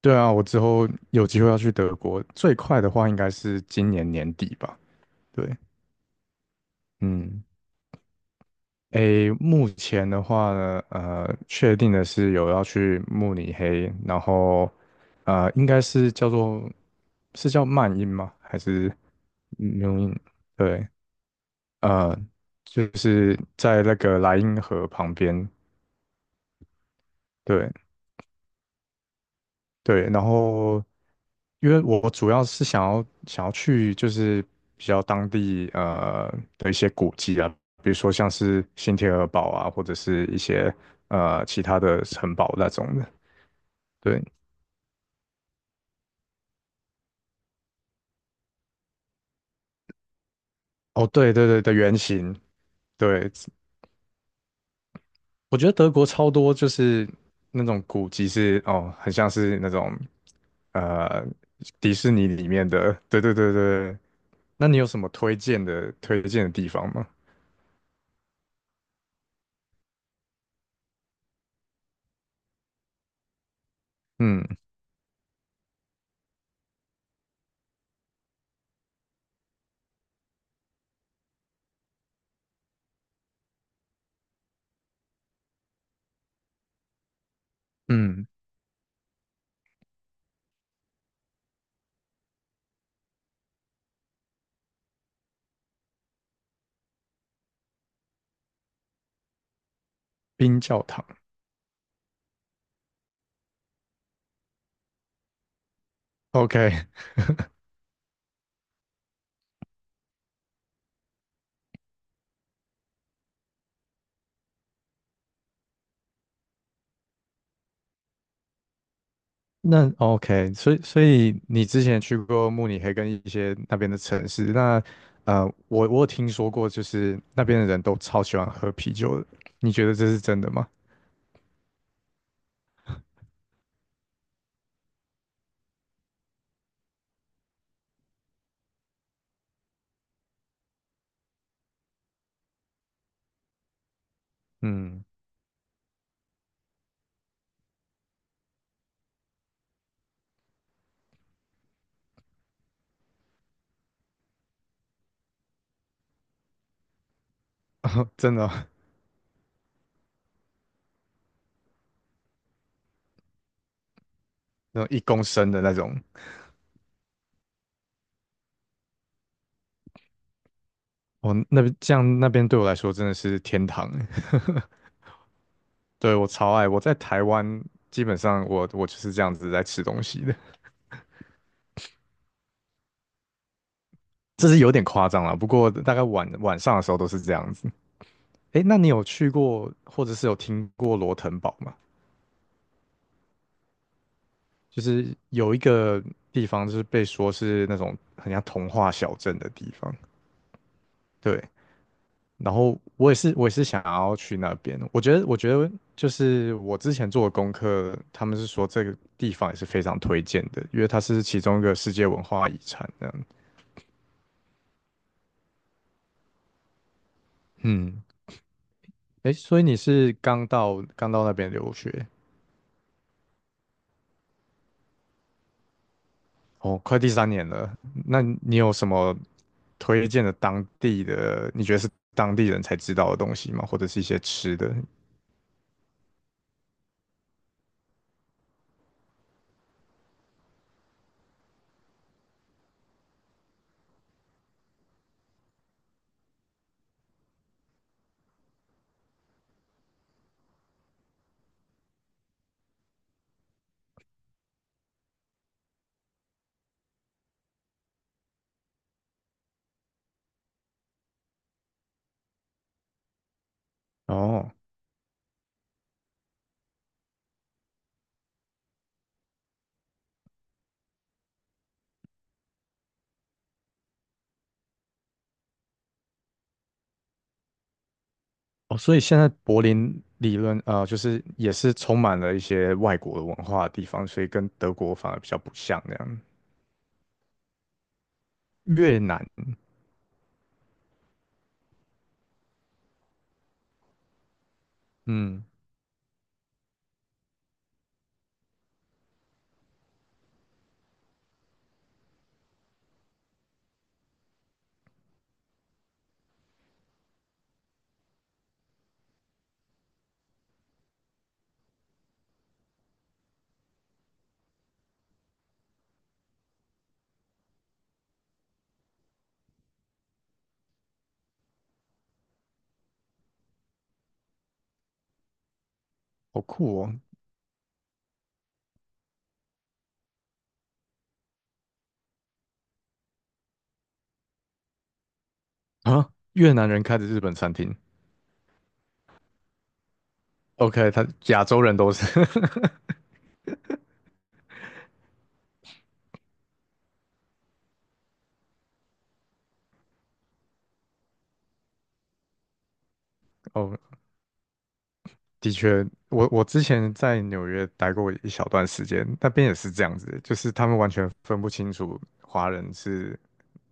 对啊，我之后有机会要去德国，最快的话应该是今年年底吧。对，嗯，诶，目前的话呢，确定的是有要去慕尼黑，然后应该是叫做是叫曼因吗？还是纽因？对，呃，就是在那个莱茵河旁边。对，对，然后因为我主要是想要去就是比较当地的一些古迹啊，比如说像是新天鹅堡啊，或者是一些其他的城堡那种的。对，哦，对对对的原型，对，我觉得德国超多就是那种古迹是哦，很像是那种呃迪士尼里面的，对对对对。那你有什么推荐的地方吗？嗯嗯。冰教堂。OK。那 OK，所以你之前去过慕尼黑跟一些那边的城市，那我有听说过，就是那边的人都超喜欢喝啤酒的，你觉得这是真的吗？嗯，真的哦。那种一公升的那种，哦，那边对我来说真的是天堂。对，我超爱。我在台湾基本上我就是这样子在吃东西的，这是有点夸张了，不过大概晚上的时候都是这样子。哎，那你有去过或者是有听过罗腾堡吗？就是有一个地方，就是被说是那种很像童话小镇的地方。对，然后我也是想要去那边。我觉得，就是我之前做的功课，他们是说这个地方也是非常推荐的，因为它是其中一个世界文化遗产这样。嗯，哎，所以你是刚到那边留学？哦，快第三年了，那你有什么推荐的当地的，你觉得是当地人才知道的东西吗？或者是一些吃的？哦哦，所以现在柏林理论就是也是充满了一些外国的文化的地方，所以跟德国反而比较不像那样。越南，嗯，好酷哦！啊，越南人开的日本餐厅，OK，他亚洲人都是哦。哦。的确，我之前在纽约待过一小段时间，那边也是这样子，就是他们完全分不清楚华人是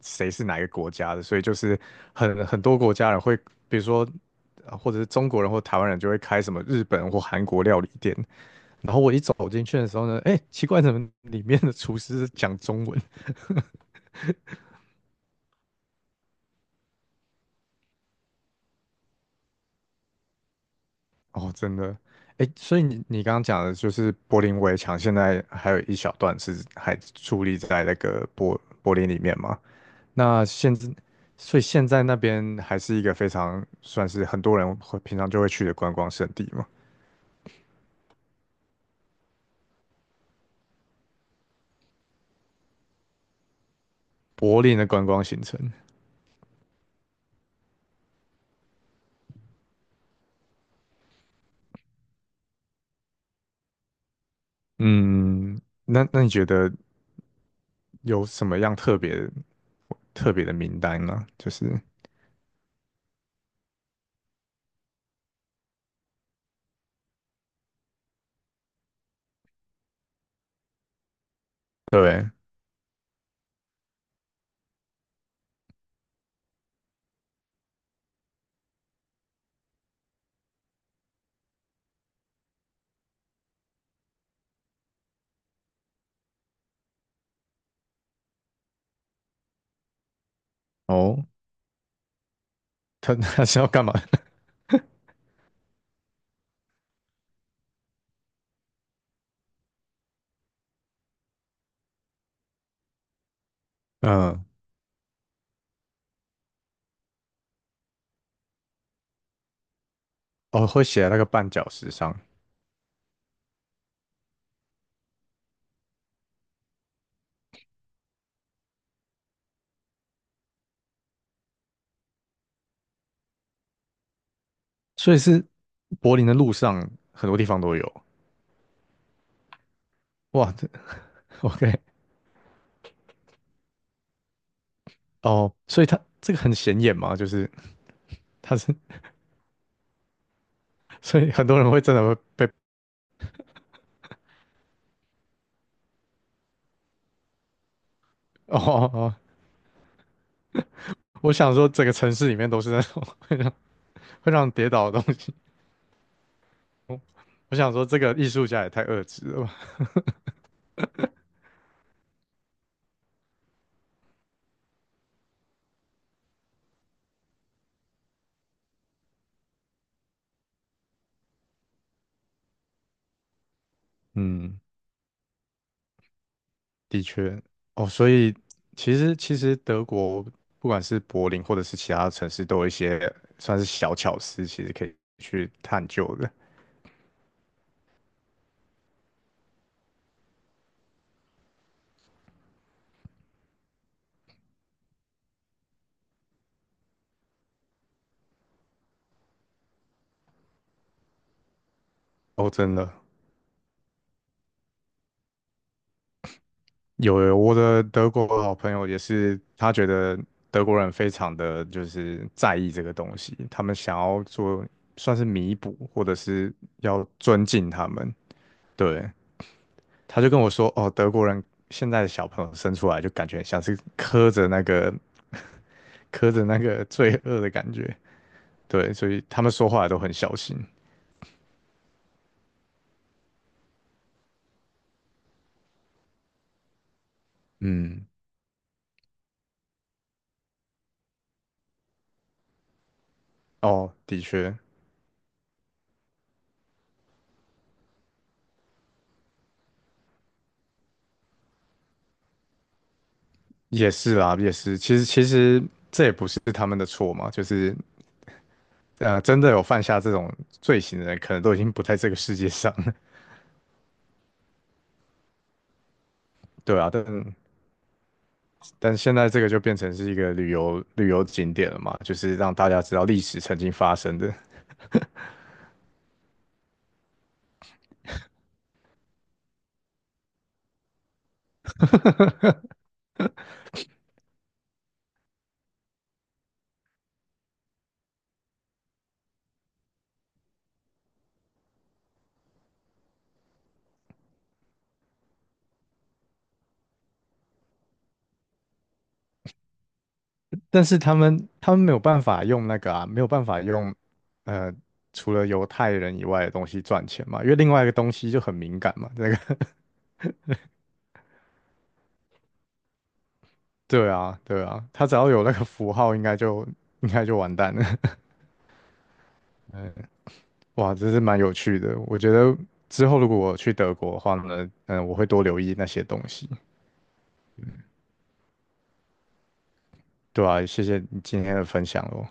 谁是哪一个国家的，所以就是很多国家人会，比如说或者是中国人或台湾人就会开什么日本或韩国料理店，然后我一走进去的时候呢，哎，奇怪，怎么里面的厨师是讲中文？哦，真的，哎，所以你刚刚讲的就是柏林围墙，现在还有一小段是还矗立在那个柏林里面吗？那现在，所以现在那边还是一个非常算是很多人会平常就会去的观光胜地嘛，柏林的观光行程。嗯，那你觉得有什么样特别的名单呢？就是对，哦，他 他是要干嘛？嗯，哦，会写在那个绊脚石上，所以是柏林的路上很多地方都有。哇，这 OK。 哦，所以他这个很显眼嘛，就是他是，所以很多人会真的会被哦哦，哦，我想说整个城市里面都是那种 会让人跌倒的东西。我我想说这个艺术家也太恶质了吧？嗯，的确。哦，所以其实德国不管是柏林或者是其他城市，都有一些算是小巧思，其实可以去探究的。哦，真的，有有，我的德国好朋友也是，他觉得德国人非常的就是在意这个东西，他们想要做算是弥补，或者是要尊敬他们，对，他就跟我说，哦，德国人现在的小朋友生出来就感觉像是磕着那个罪恶的感觉，对，所以他们说话都很小心。嗯，哦，的确，也是啦，也是。其实这也不是他们的错嘛，就是真的有犯下这种罪行的人，可能都已经不在这个世界上了。对啊，但现在这个就变成是一个旅游景点了嘛，就是让大家知道历史曾经发生的。但是他们没有办法用那个啊，没有办法用呃，除了犹太人以外的东西赚钱嘛，因为另外一个东西就很敏感嘛，那个 对啊对啊，他只要有那个符号，应该就完蛋了。哇，这是蛮有趣的，我觉得之后如果我去德国的话呢，嗯，我会多留意那些东西。对啊，谢谢你今天的分享哦。